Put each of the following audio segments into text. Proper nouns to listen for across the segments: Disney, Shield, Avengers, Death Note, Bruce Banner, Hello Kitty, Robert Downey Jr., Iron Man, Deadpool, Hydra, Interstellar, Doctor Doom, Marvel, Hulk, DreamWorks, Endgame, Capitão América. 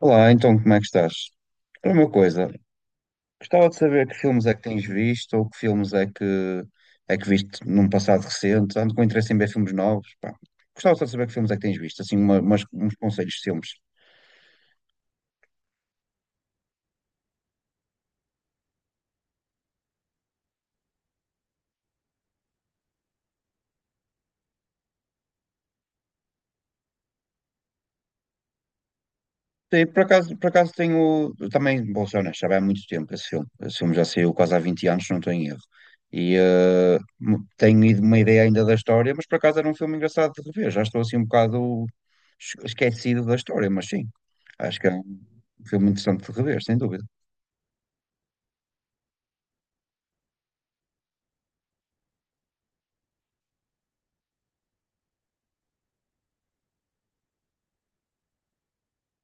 Olá, então como é que estás? Olha, uma coisa, gostava de saber que filmes é que tens visto ou que filmes é que viste num passado recente. Ando com interesse em ver filmes novos, pá. Gostava só de saber que filmes é que tens visto, assim, uns conselhos de filmes. Sim, por acaso, tenho também, vou ser honesto, já vai há muito tempo esse filme. Esse filme já saiu quase há 20 anos, se não estou em erro. Tenho ido uma ideia ainda da história, mas por acaso era um filme engraçado de rever. Já estou assim um bocado esquecido da história, mas sim, acho que é um filme interessante de rever, sem dúvida.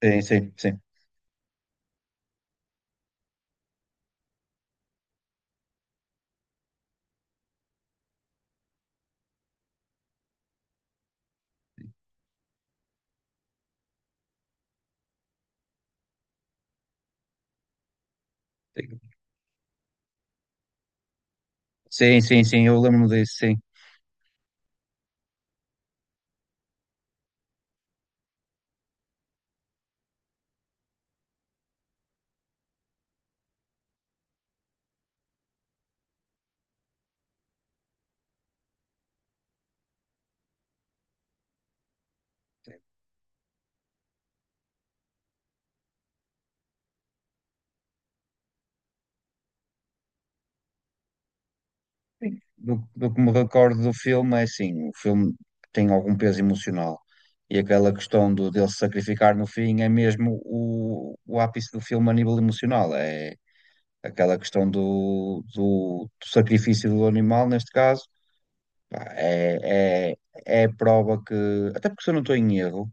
Sim, sim, sim. Sim, sim, sim, eu lembro-me disso, sim. Sim. Do que me recordo do filme, é assim, o filme tem algum peso emocional. E aquela questão dele se sacrificar no fim é mesmo o ápice do filme a nível emocional. É aquela questão do sacrifício do animal, neste caso, pá, é a prova que, até porque, se eu não estou em erro,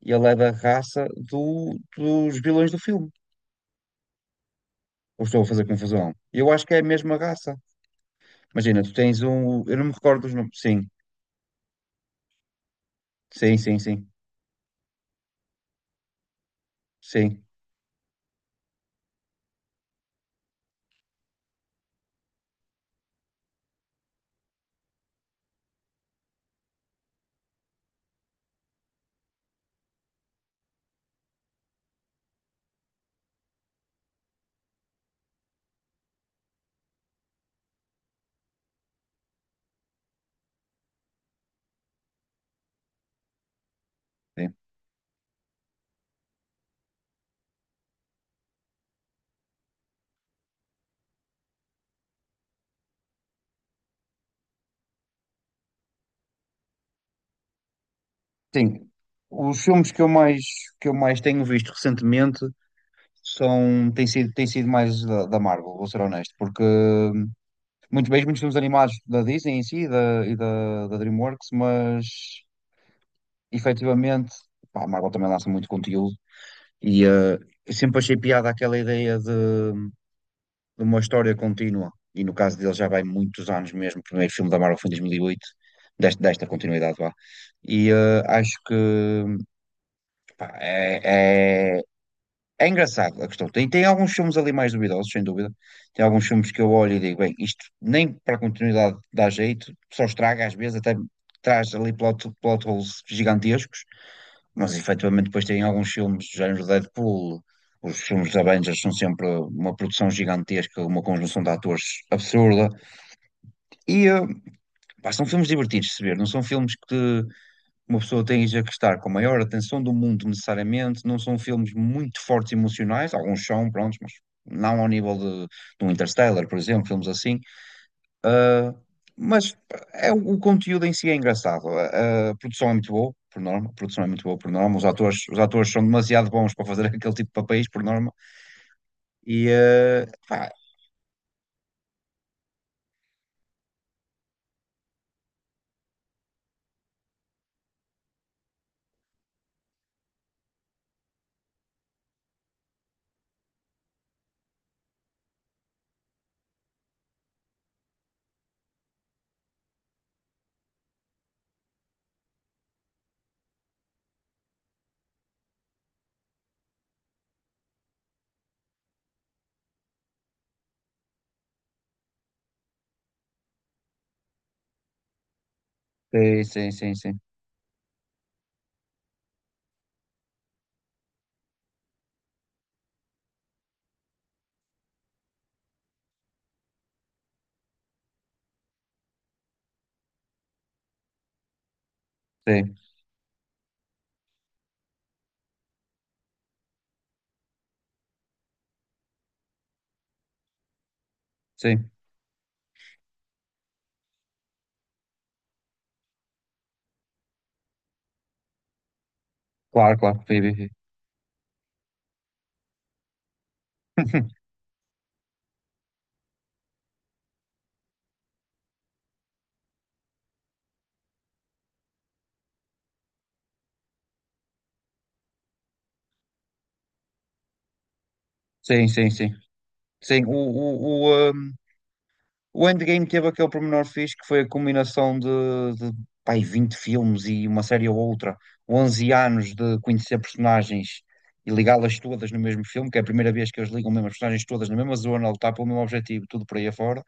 ele é da raça dos vilões do filme. Ou estou a fazer confusão? Eu acho que é a mesma raça. Imagina, tu tens um. Eu não me recordo dos nomes. Sim, sim, sim, sim. Sim, sim. Sim. Os filmes que eu mais tenho visto recentemente são, têm sido mais da Marvel, vou ser honesto, porque muitos bem, muitos filmes animados da Disney em si da DreamWorks, mas efetivamente, pá, a Marvel também lança muito conteúdo. e eh, eu sempre achei piada aquela ideia de uma história contínua. E no caso dele já vai muitos anos mesmo. O primeiro filme da Marvel foi em 2008 desta, desta continuidade lá. E eh, acho que Pá, É, é, É engraçado a questão. Tem alguns filmes ali mais duvidosos, sem dúvida. Tem alguns filmes que eu olho e digo, bem, isto nem para a continuidade dá jeito, só estraga às vezes, até traz ali plot holes gigantescos. Mas efetivamente depois tem alguns filmes do género Deadpool. Os filmes da Avengers são sempre uma produção gigantesca, uma conjunção de atores absurda. E eh, Pá, são filmes divertidos de se ver, não são filmes que uma pessoa tem já que estar com a maior atenção do mundo, necessariamente. Não são filmes muito fortes emocionais, alguns são, prontos, mas não ao nível de um Interstellar, por exemplo, filmes assim. Ah, mas é, o conteúdo em si é engraçado. A produção é muito boa, por norma. A produção é muito boa, por norma. Os atores são demasiado bons para fazer aquele tipo de papéis, por norma. Pá, sim, sim, sim, sim, sim, sim. Claro, claro. Sim, sim, sim. Sim, sim, sim. Sim, o, o, o, ah, O Endgame teve aquele pormenor fixe que foi a combinação de pá, aí 20 filmes e uma série ou outra, 11 anos de conhecer personagens e ligá-las todas no mesmo filme, que é a primeira vez que eles ligam mesmo as personagens todas na mesma zona, a lutar pelo mesmo objetivo, tudo por aí afora.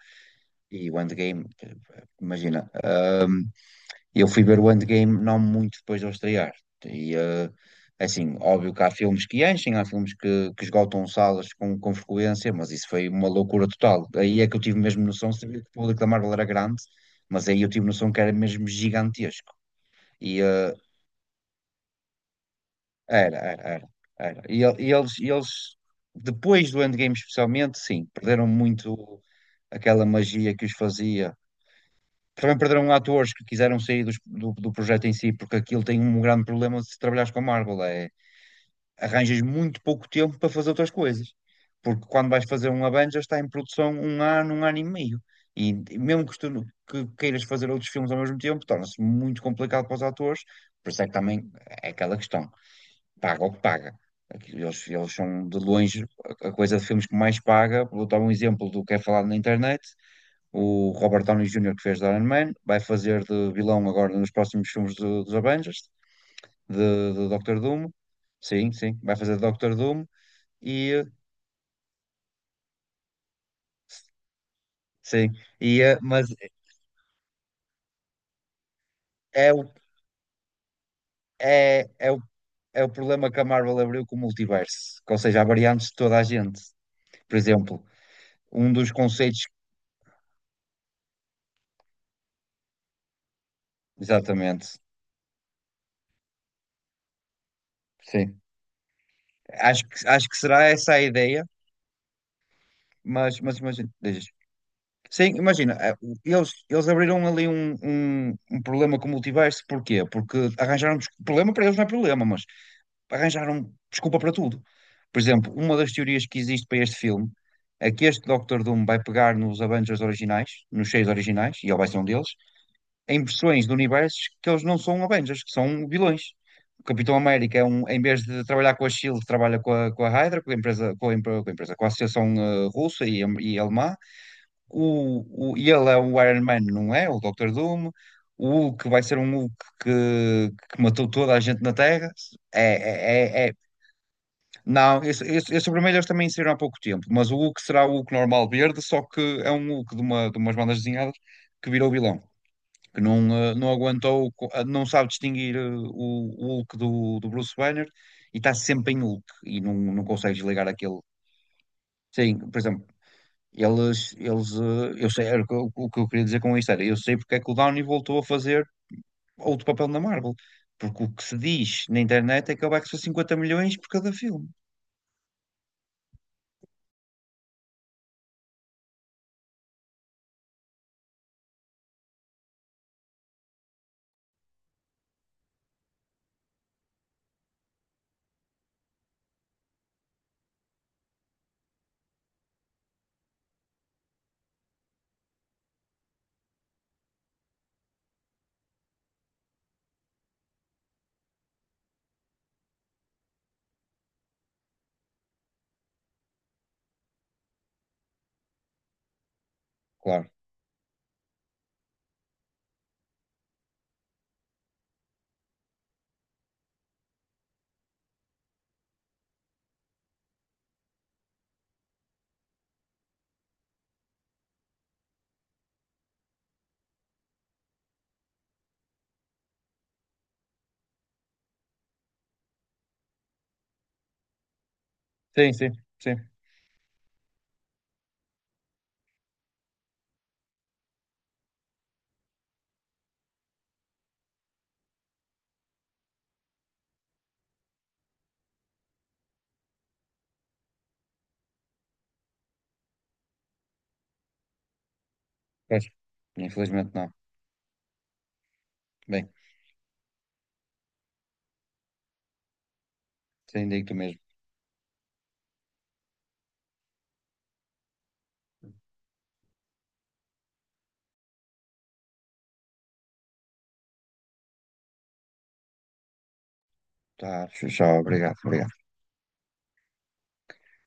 E o Endgame, eh, imagina, Eu fui ver o Endgame não muito depois de eu estrear. E, eh, assim, óbvio que há filmes que enchem, há filmes que esgotam salas com frequência, mas isso foi uma loucura total. Aí é que eu tive mesmo noção, sabia que o público da Marvel era grande, mas aí eu tive noção que era mesmo gigantesco. E eh, era, era, era, Era. Depois do Endgame especialmente, sim, perderam muito aquela magia que os fazia. Também perderam atores que quiseram sair do projeto em si, porque aquilo tem um grande problema se trabalhares com a Marvel, é arranjas muito pouco tempo para fazer outras coisas. Porque quando vais fazer um Avengers está em produção um ano e meio. E mesmo que tu que queiras fazer outros filmes ao mesmo tempo, torna-se muito complicado para os atores. Por isso é que também é aquela questão, paga o que paga. Aqui eles, eles são de longe a coisa de filmes que mais paga. Vou dar um exemplo do que é falado na internet: o Robert Downey Jr., que fez de Iron Man, vai fazer de vilão agora nos próximos filmes dos Avengers, de Doctor Doom. Sim, sim, vai fazer de Doctor Doom. E, sim, mas é o, é o, é o problema que a Marvel abriu com o multiverso, que, ou seja, há variantes de toda a gente. Por exemplo, um dos conceitos. Exatamente, sim. Acho que será essa a ideia, mas imagina. Diz. Sim, imagina, eles abriram ali um problema com o multiverso, porquê? Porque arranjaram problema para eles não é problema, mas arranjaram desculpa para tudo. Por exemplo, uma das teorias que existe para este filme é que este Doctor Doom vai pegar nos Avengers originais, nos seis originais, e ele vai ser um deles, em versões de universos que eles não são Avengers, que são vilões. O Capitão América é um, em vez de trabalhar com a Shield, trabalha com a Hydra, com a empresa, com a empresa, com a Associação, Russa e Alemã. E ele é o Iron Man, não é? O Dr. Doom. O Hulk vai ser um Hulk que, que matou toda a gente na Terra. É, é, é, é. Não, esses vermelhos também saíram há pouco tempo, mas o Hulk será o Hulk normal verde, só que é um Hulk de umas bandas desenhadas que virou vilão, que não, não aguentou, não sabe distinguir, o Hulk do Bruce Banner, e está sempre em Hulk e não, não consegue desligar aquele. Sim, por exemplo. Eu sei, era o que eu queria dizer com isto era, eu sei porque é que o Downey voltou a fazer outro papel na Marvel, porque o que se diz na internet é que ele vai custar 50 milhões por cada filme. Claro. Sim, sim, sim. Pois. Infelizmente não. Bem, sem digo mesmo. Tá, tchau, obrigado, obrigado.